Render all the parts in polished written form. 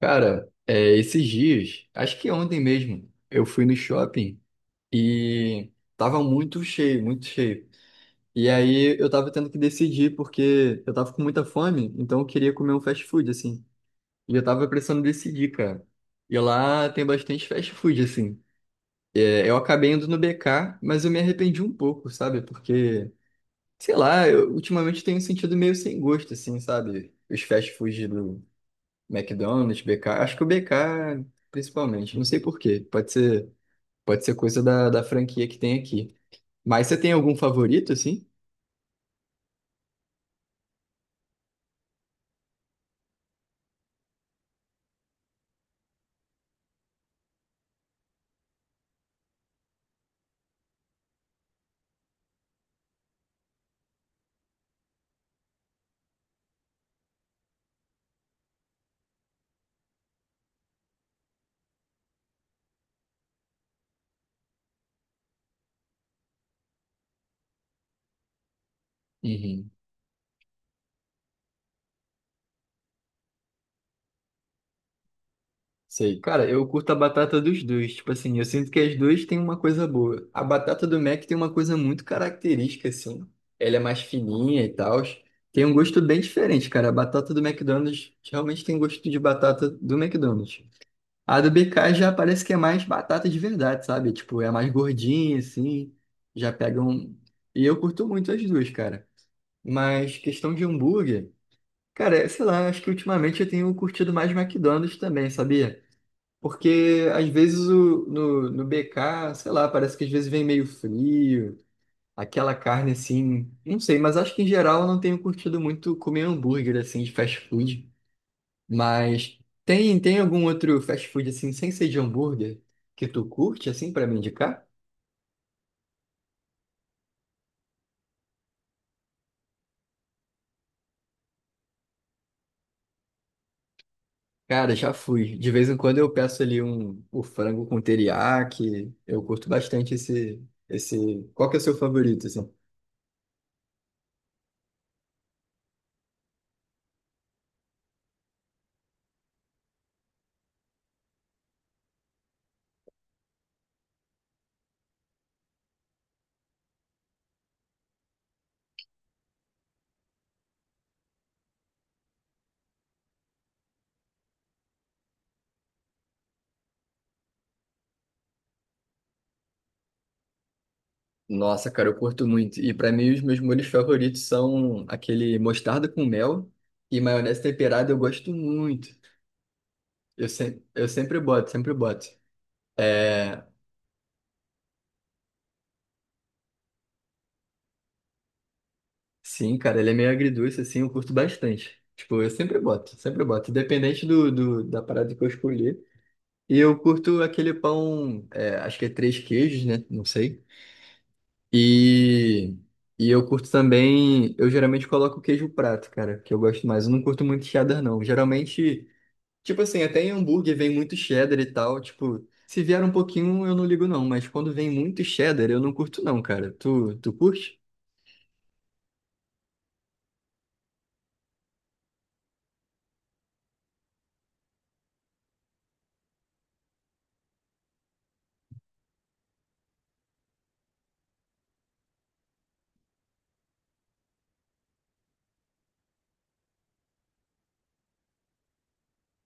Cara, esses dias, acho que ontem mesmo, eu fui no shopping e tava muito cheio, muito cheio. E aí eu tava tendo que decidir porque eu tava com muita fome, então eu queria comer um fast food, assim. E eu tava precisando decidir, cara. E lá tem bastante fast food, assim. Eu acabei indo no BK, mas eu me arrependi um pouco, sabe? Porque, sei lá, eu ultimamente tenho sentido meio sem gosto, assim, sabe? Os fast food McDonald's, BK, acho que o BK principalmente, não sei por quê, pode ser coisa da franquia que tem aqui. Mas você tem algum favorito, assim? Uhum. Sei. Cara, eu curto a batata dos dois. Tipo assim, eu sinto que as duas têm uma coisa boa. A batata do Mac tem uma coisa muito característica, assim. Ela é mais fininha e tal. Tem um gosto bem diferente, cara. A batata do McDonald's realmente tem gosto de batata do McDonald's. A do BK já parece que é mais batata de verdade, sabe? Tipo, é mais gordinha, assim, já pega um... E eu curto muito as duas, cara. Mas questão de hambúrguer, cara, sei lá, acho que ultimamente eu tenho curtido mais McDonald's também, sabia? Porque às vezes o, no, no BK, sei lá, parece que às vezes vem meio frio, aquela carne assim, não sei, mas acho que em geral eu não tenho curtido muito comer hambúrguer assim de fast food. Mas tem algum outro fast food assim, sem ser de hambúrguer, que tu curte assim pra me indicar? Cara, já fui. De vez em quando eu peço ali um, o frango com teriyaki. Eu curto bastante esse. Qual que é o seu favorito, assim? Nossa, cara, eu curto muito. E pra mim os meus molhos favoritos são aquele mostarda com mel e maionese temperada. Eu gosto muito. Eu, se... eu sempre boto. É, Sim, cara, ele é meio agridoce, assim, eu curto bastante. Tipo, eu sempre boto, independente da parada que eu escolher. E eu curto aquele pão, acho que é três queijos, né? Não sei. E, e eu curto também, eu geralmente coloco queijo prato, cara, que eu gosto mais. Eu não curto muito cheddar, não. Geralmente, tipo assim, até em hambúrguer vem muito cheddar e tal, tipo, se vier um pouquinho eu não ligo não, mas quando vem muito cheddar eu não curto não, cara. Tu curte?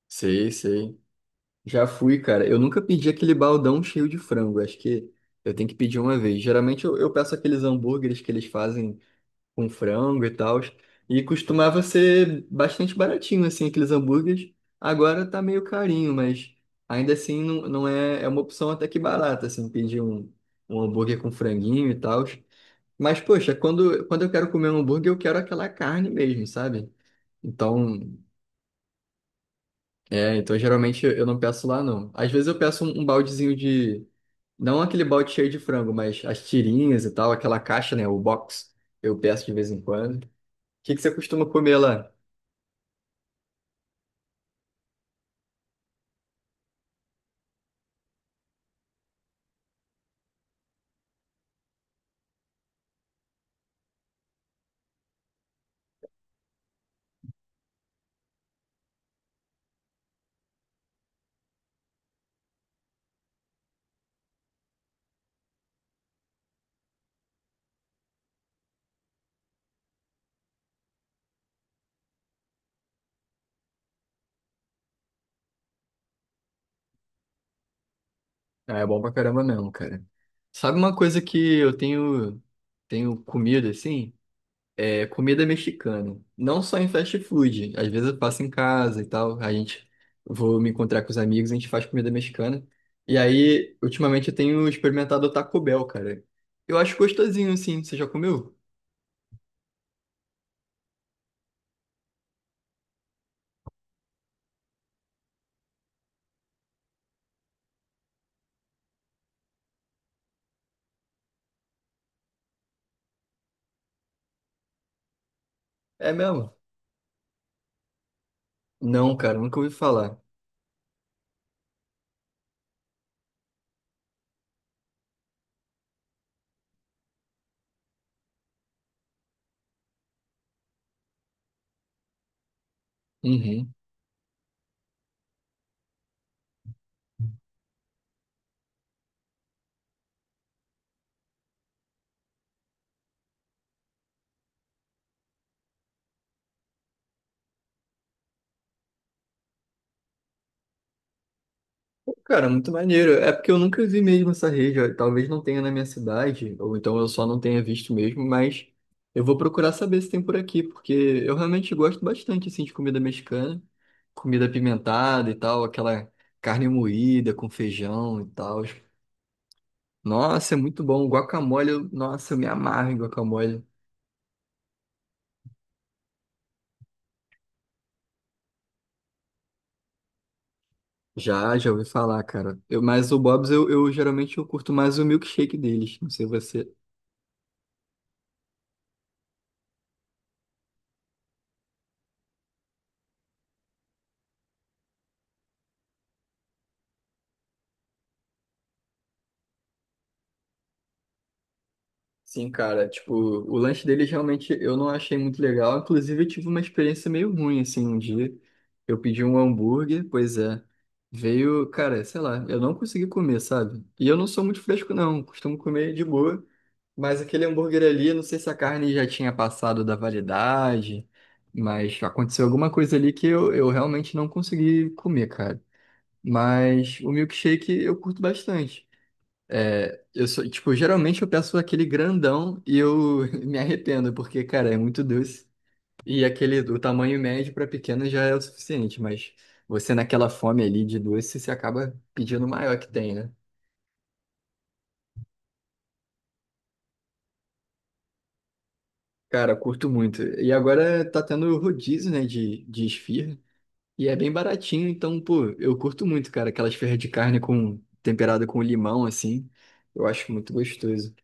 Sei, sei. Já fui, cara. Eu nunca pedi aquele baldão cheio de frango. Acho que eu tenho que pedir uma vez. Geralmente eu peço aqueles hambúrgueres que eles fazem com frango e tal. E costumava ser bastante baratinho, assim, aqueles hambúrgueres. Agora tá meio carinho, mas ainda assim não, não é, é uma opção até que barata, assim, pedir um, um hambúrguer com franguinho e tal. Mas, poxa, quando eu quero comer um hambúrguer, eu quero aquela carne mesmo, sabe? Então. É, então geralmente eu não peço lá, não. Às vezes eu peço um, um baldezinho de. Não aquele balde cheio de frango, mas as tirinhas e tal, aquela caixa, né? O box. Eu peço de vez em quando. O que que você costuma comer lá? Ah, é bom pra caramba mesmo, cara. Sabe uma coisa que eu tenho comido assim? Comida mexicana. Não só em fast food. Às vezes eu faço em casa e tal. A gente vou me encontrar com os amigos, a gente faz comida mexicana. E aí, ultimamente eu tenho experimentado o Taco Bell, cara. Eu acho gostosinho, assim. Você já comeu? É mesmo? Não, cara, nunca ouvi falar. Uhum. Cara, muito maneiro. É porque eu nunca vi mesmo essa rede. Ó. Talvez não tenha na minha cidade, ou então eu só não tenha visto mesmo, mas eu vou procurar saber se tem por aqui, porque eu realmente gosto bastante assim de comida mexicana, comida apimentada e tal, aquela carne moída com feijão e tal. Nossa, é muito bom. Guacamole, eu- nossa, eu me amarro em guacamole. Já, já ouvi falar, cara. Mas o Bob's eu geralmente eu curto mais o milkshake deles. Não sei você. Sim, cara, tipo, o lanche deles realmente eu não achei muito legal. Inclusive, eu tive uma experiência meio ruim, assim, um dia. Eu pedi um hambúrguer, pois é. Veio, cara, sei lá, eu não consegui comer, sabe? E eu não sou muito fresco, não. Costumo comer de boa. Mas aquele hambúrguer ali, não sei se a carne já tinha passado da validade, mas aconteceu alguma coisa ali que eu realmente não consegui comer, cara. Mas o milkshake eu curto bastante. É, eu sou, tipo, geralmente eu peço aquele grandão e eu me arrependo, porque, cara, é muito doce. E aquele, o tamanho médio para pequeno já é o suficiente, mas você naquela fome ali de doce, você acaba pedindo o maior que tem, né? Cara, curto muito. E agora tá tendo rodízio, né, de esfirra. E é bem baratinho, então, pô, eu curto muito, cara, aquelas esfirra de carne com temperada com limão, assim. Eu acho muito gostoso.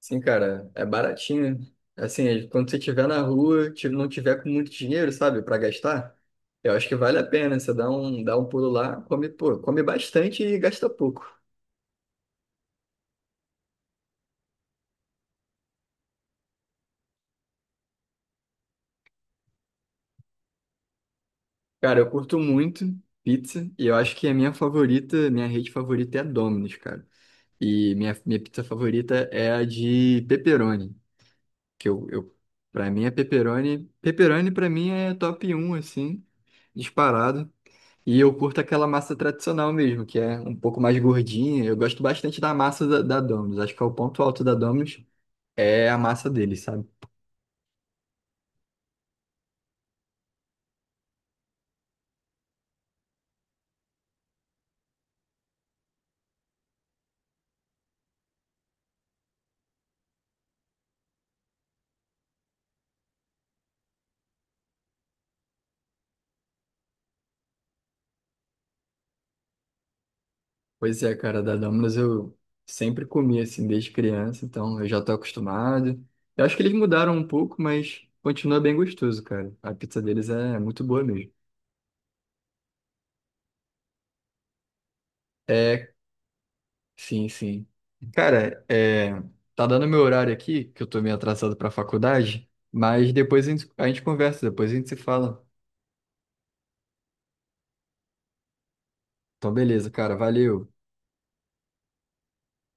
Sim, cara, é baratinho. Assim, quando você tiver na rua, não tiver com muito dinheiro, sabe, para gastar, eu acho que vale a pena. Você dá um pulo lá, come, pô, come bastante e gasta pouco. Cara, eu curto muito pizza e eu acho que a minha favorita, minha rede favorita é a Domino's, cara. E minha pizza favorita é a de pepperoni, que eu para mim é pepperoni. Pepperoni para mim é top um assim, disparado. E eu curto aquela massa tradicional mesmo, que é um pouco mais gordinha. Eu gosto bastante da massa da Domino's. Acho que é o ponto alto da Domino's é a massa dele, sabe? Pois é, cara, da Domino's eu sempre comi assim desde criança, então eu já tô acostumado. Eu acho que eles mudaram um pouco, mas continua bem gostoso, cara. A pizza deles é muito boa mesmo. É, sim, sim. Cara, é, tá dando meu horário aqui, que eu tô meio atrasado pra faculdade, mas depois a gente conversa, depois a gente se fala. Então, beleza, cara. Valeu.